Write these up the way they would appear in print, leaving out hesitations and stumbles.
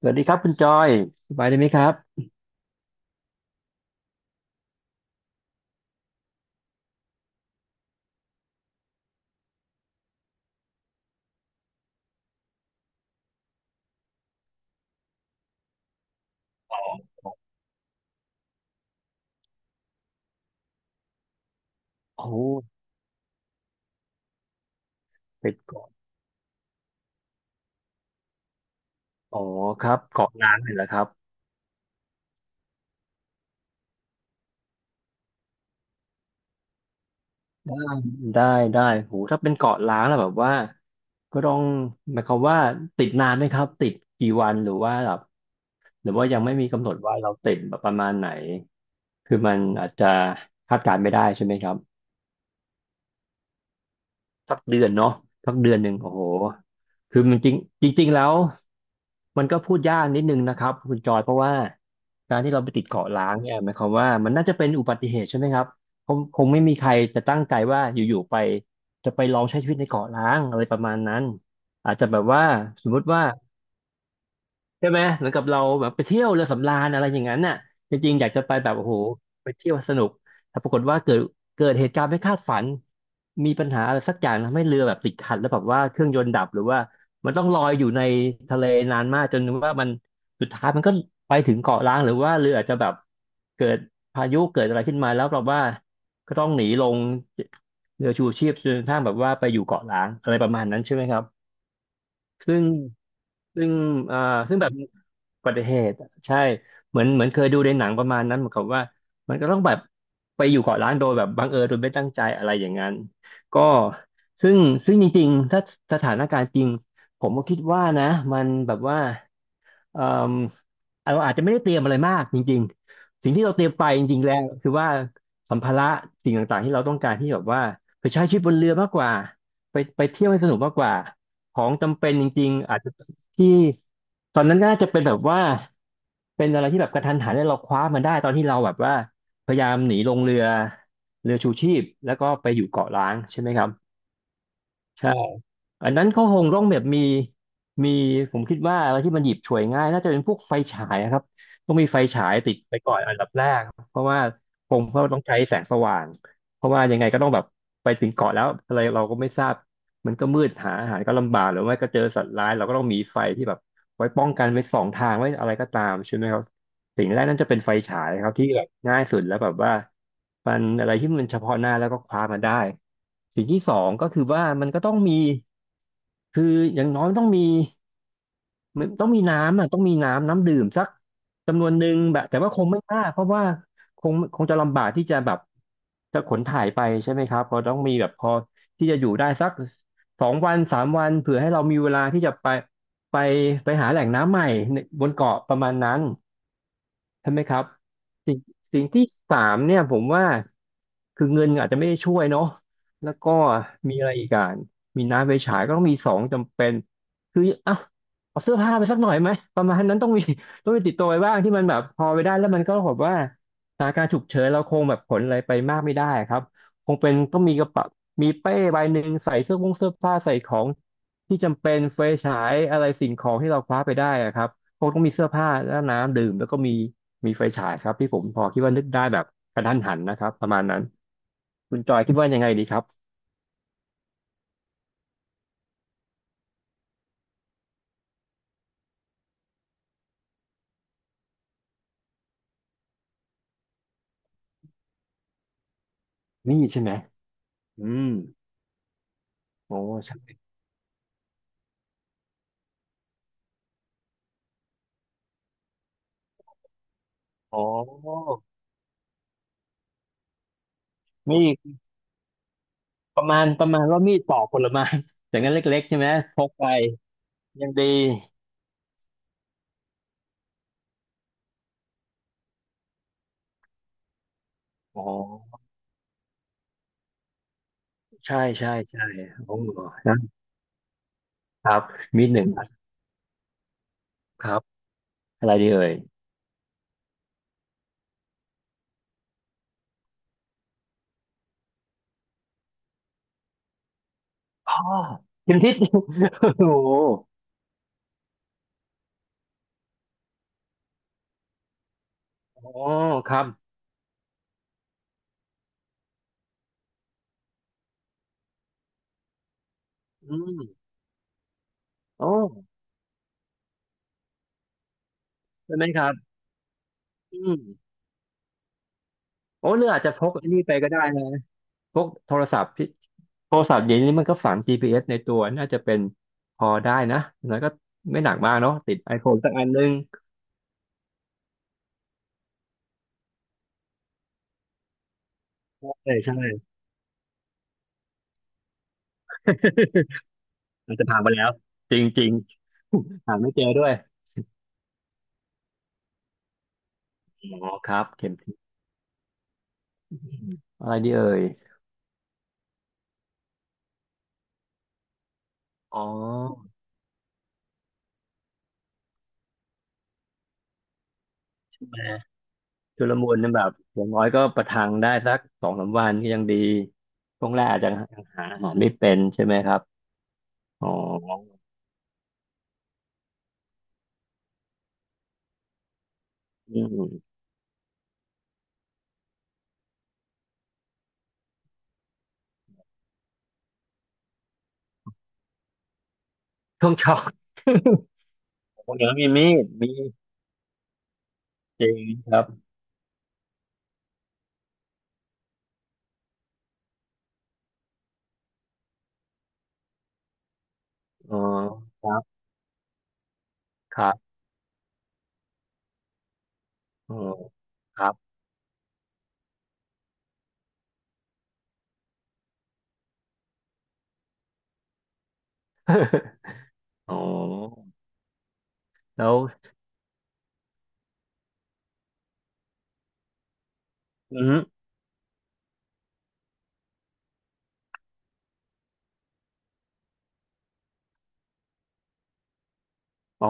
สวัสดีครับคุณจอยสบายดีไหมครับโอ้เป็นเกาะอ๋อครับเกาะล้างเลยเหรอครับได้ได้โหถ้าเป็นเกาะล้างแล้วแบบว่าก็ต้องหมายความว่าติดนานไหมครับติดกี่วันหรือว่าแบบหรือว่ายังไม่มีกำหนดว่าเราติดแบบประมาณไหนคือมันอาจจะคาดการณ์ไม่ได้ใช่ไหมครับ สักเดือนเนาะสักเดือนหนึ่งโอ้โหคือมันจริงจริงๆแล้วมันก็พูดยากนิดนึงนะครับคุณจอยเพราะว่าการที่เราไปติดเกาะล้างเนี่ยหมายความว่ามันน่าจะเป็นอุบัติเหตุใช่ไหมครับคงไม่มีใครจะตั้งใจว่าอยู่ๆไปจะไปลองใช้ชีวิตในเกาะล้างอะไรประมาณนั้นอาจจะแบบว่าสมมุติว่า ใช่ไหมเหมือนกับเราแบบไปเที่ยวเรือสำราญอะไรอย่างนั้นน่ะจริงๆอยากจะไปแบบโอ้โหไปเที่ยวสนุกแต่ปรากฏว่าเกิดเหตุการณ์ไม่คาดฝันมีปัญหาอะไรสักอย่างทำให้เรือแบบติดขัดแล้วแบบว่าเครื่องยนต์ดับหรือว่ามันต้องลอยอยู่ในทะเลนานมากจนว่ามันสุดท้ายมันก็ไปถึงเกาะล้างหรือว่าเรืออาจจะแบบเกิดพายุเกิดอะไรขึ้นมาแล้วแบบว่าก็ต้องหนีลงเรือชูชีพจนกระทั่งแบบว่าไปอยู่เกาะล้างอะไรประมาณนั้นใช่ไหมครับ ซึ่งซึ่งอ่าซึ่งแบบอุบัติเหตุอะใช่เหมือนเคยดูในหนังประมาณนั้นเหมือนกับว่ามันก็ต้องแบบไปอยู่เกาะล้างโดยแบบบังเอิญโดยไม่ตั้งใจอะไรอย่างนั้นก็ซึ่งซึ่งจริงๆถ้าสถานการณ์จริงผมก็คิดว่านะมันแบบว่าเอ่มเราอาจจะไม่ได้เตรียมอะไรมากจริงๆสิ่งที่เราเตรียมไปจริงๆแล้วคือว่าสัมภาระสิ่งต่างๆที่เราต้องการที่แบบว่าไปใช้ชีวิตบนเรือมากกว่าไปเที่ยวให้สนุกมากกว่า ของจำเป็นจริงๆ อาจจะที่ตอนนั้นก็น่าจะเป็นแบบว่าเป็นอะไรที่แบบกระทันหันแล้วเราคว้ามันได้ตอนที่เราแบบว่าพยายามหนีลงเรือเรือชูชีพแล้วก็ไปอยู่เกาะล้างใช่ไหมครับ ใช่อันนั้นเขาคงต้องแบบมีผมคิดว่าอะไรที่มันหยิบฉวยง่ายน่าจะเป็นพวกไฟฉายอะครับต้องมีไฟฉายติดไปก่อนอันดับแรกเพราะว่าคงเขาต้องใช้แสงสว่างเพราะว่ายังไงก็ต้องแบบไปถึงเกาะแล้วอะไรเราก็ไม่ทราบมันก็มืดหาอาหารก็ลำบากหรือไม่ก็เจอสัตว์ร้ายเราก็ต้องมีไฟที่แบบไว้ป้องกันไว้สองทางไว้อะไรก็ตามใช่ไหมครับ สิ่งแรกนั่นจะเป็นไฟฉายครับที่แบบง่ายสุดแล้วแบบว่ามันอะไรที่มันเฉพาะหน้าแล้วก็คว้ามาได้สิ่งที่สองก็คือว่ามันก็ต้องมีคืออย่างน้อยต้องมีมันต้องมีน้ำอ่ะต้องมีน้ำดื่มสักจำนวนหนึ่งแบบแต่ว่าคงไม่มากเพราะว่าคงจะลำบากที่จะแบบจะขนถ่ายไปใช่ไหมครับเพอต้องมีแบบพอที่จะอยู่ได้สักสองวันสามวันเผื่อให้เรามีเวลาที่จะไปไปหาแหล่งน้ำใหม่ในบนเกาะประมาณนั้น ใช่ไหมครับสิ่งสิ่งที่สามเนี่ยผมว่าคือเงินอาจจะไม่ได้ช่วยเนาะแล้วก็มีอะไรอีกอ่ะมีน้ำไฟฉายก็ต้องมีสองจำเป็นคืออ่ะเอาเสื้อผ้าไปสักหน่อยไหมประมาณนั้นต้องมี ต้องมีติดตัวไว้บ้างที่มันแบบพอไปได้แล้วมันก็แบบว่าสถานการณ์ฉุกเฉินเราคงแบบขนอะไรไปมากไม่ได้ครับคงเป็นต้องมีกระเป๋ามีเป้ใบหนึ่งใส่เสื้อผงเสื้อผ้าใส่ของที่จำเป็นไฟฉายอะไรสิ่งของที่เราคว้าไปได้อะครับ คงต้องมีเสื้อผ้าแล้วน้ำดื่มแล้วก็มีไฟฉายครับที่ผมพอคิดว่านึกได้แบบกระทันหันนะครับประมาณนั้นคุณจอยคิดว่ายังไงดีครับมีดใช่ไหมอืมโอ้ใช่อ๋อมีดประมาณประมาณว่ามีดปอกผลไม้ อย่างนั้นเล็กๆใช่ไหมพกไปยังดีอ๋อใช่ใช่ใช่โอ้นะครับมีดหนึ่งอันครับอะไรดีเอ่ยอ๋อเข็มทิศ โอ้โหอ๋อครับอืมโอ้ใช่ไหมครับอืม โอ้เรืออาจจะพกไอ้นี่ไปก็ได้นะพกโทรศัพท์พี่โทรศัพท์เดี๋ยวนี้มันก็ฝัง GPS ในตัวน่าจะเป็นพอได้นะแล้วก็ไม่หนักมากเนาะติด iPhone สักอันนึงใช่ใช่ มันจะผ่านไปแล้วจริงๆ ริงหาไม่เจอด้วยอ๋อครับเข็มทิศอมอะไรดีเอ่ยอ๋อแหมชุลมุนนั่นแบบอย่างน้อยก็ประทังได้สักสองสามวันก็ยังดีช่วงแรกอาจจะหาอาหารไม่เป็นใช่ไหมครับอ๋ออืมช่วงช็อก โอ้เดี๋ยวมีมีดมีจริงครับอ๋อครับครับอ๋อครับ อ๋อแล้วอืมอ๋อ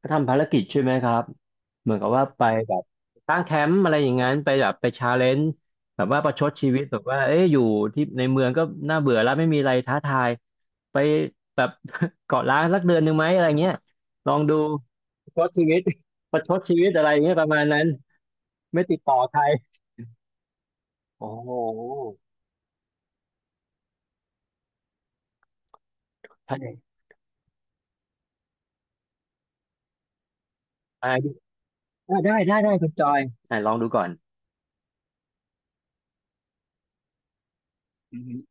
ก็ทำภารกิจใช่ไหมครับเหมือนกับว่าไปแบบตั้งแคมป์อะไรอย่างนั้นไปแบบไปชาเลนจ์แบบว่าประชดชีวิตแบบว่าเอ๊ะอยู่ที่ในเมืองก็น่าเบื่อแล้วไม่มีอะไรท้าทายไปแบบ เกาะล้างสักเดือนหนึ่งไหมอะไรเงี้ยลองดูประชดชีวิต ประชดชีวิตอะไรเงี้ยประมาณนั้นไม่ติดต่อใครโอ้โห ใช่อ่าอ่าได้ได้ได้คุณจอยลองดูก่อนอืม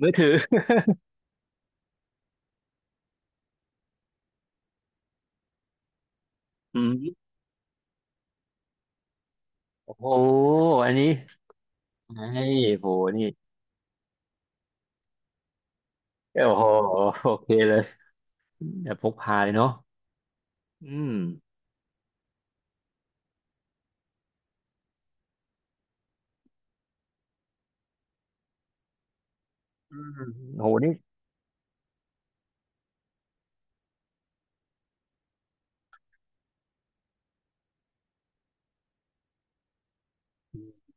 มือถืออืมโอ้โหอันนี้ไอ้โหนี่โอ้โหโอเคเลยแบบพกพาเลยเนาะอืมอืมโหนี่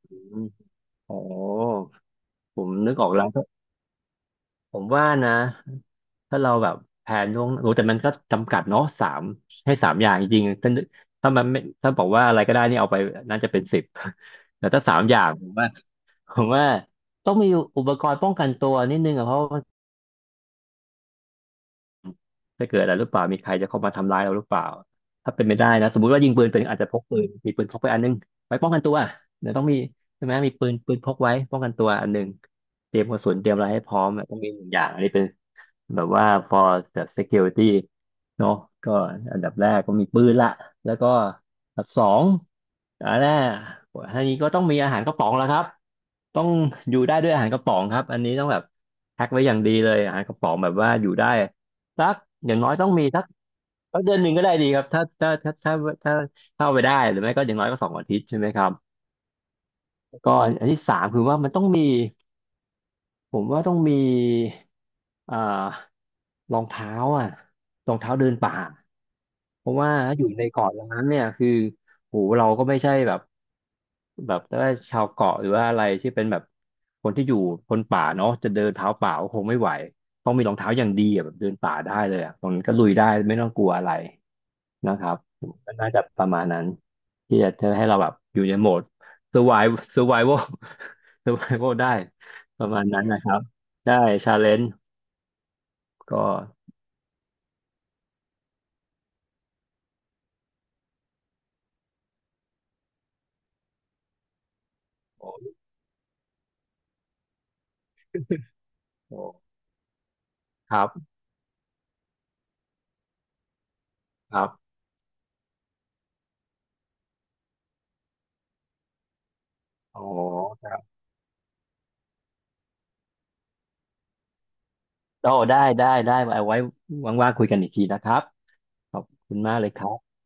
อืมโอ้ผมนึกออกแล้วผมว่านะถ้าเราแบบแผนล่วงโอ้แต่มันก็จำกัดเนาะสามให้สามอย่างจริงๆถ้านึกถ้ามันไม่ถ้าบอกว่าอะไรก็ได้นี่เอาไปน่าจะเป็นสิบแต่ถ้าสามอย่างผมว่า ผมว่าต้องมีอุปกรณ์ป้องกันตัวนิดนึงอะเพราะ จะเกิดอะไรหรือเปล่ามีใครจะเข้ามาทำร้ายเราหรือเปล่าถ้าเป็นไม่ได้นะสมมติว่ายิงปืนเป็นอาจจะพกปืนมีปืนพกไปอันนึงไว้ป้องกันตัวเดี๋ยวต้องมีใช่ไหมมีปืนพกไว้ป้องกันตัวอันหนึงเตรียมกระสุนเตรียมอะไรให้พร้อมอะต้องมีหนึ่งอย่างอันนี้เป็นแบบว่า for แบบ security เนาะก็อันดับแรกก็มีปืนละแล้วก็อันดับสองอันแรกอันนี้ก็ต้องมีอาหารกระป๋องแล้วครับต้องอยู่ได้ด้วยอาหารกระป๋องครับอันนี้ต้องแบบแพ็คไว้อย่างดีเลยอาหารกระป๋องแบบว่าอยู่ได้ สักอย่างน้อยต้องมีสักเดือนหนึ่งก็ได้ดีครับถ้าถ้าเอาไปได้หรือไม่ก็อย่างน้อยก็สองอาทิตย์ใช่ไหมครับก็อันที่สามคือว่ามันต้องมีผมว่าต้องมีอ่ารองเท้าอ่ะรองเท้าเดินป่า เพราะว่าถ้าอยู่ในเกาะอย่างนั้นเนี่ยคือโหเราก็ไม่ใช่แบบแบบว่าชาวเกาะหรือว่าอะไรที่เป็นแบบคนที่อยู่คนป่าเนาะจะเดินเท้าเปล่าก็คงไม่ไหวต้องมีรองเท้าอย่างดีอะแบบเดินป่าได้เลยอ่ะตรงนั้นก็ลุยได้ไม่ต้องกลัวอะไรนะครับก็น่าจะประมาณนั้นที่จะทำให้เราแบบอยู่ในโหมด survival survival ได้ประมาณนั้นนะครับได้ challenge ก็โอ้โหครับครับโอ้ โอ้ได้ได้ได้ไว้ว่างๆคุยกันอีกทีนะครับขอบคุณมากเลยครับ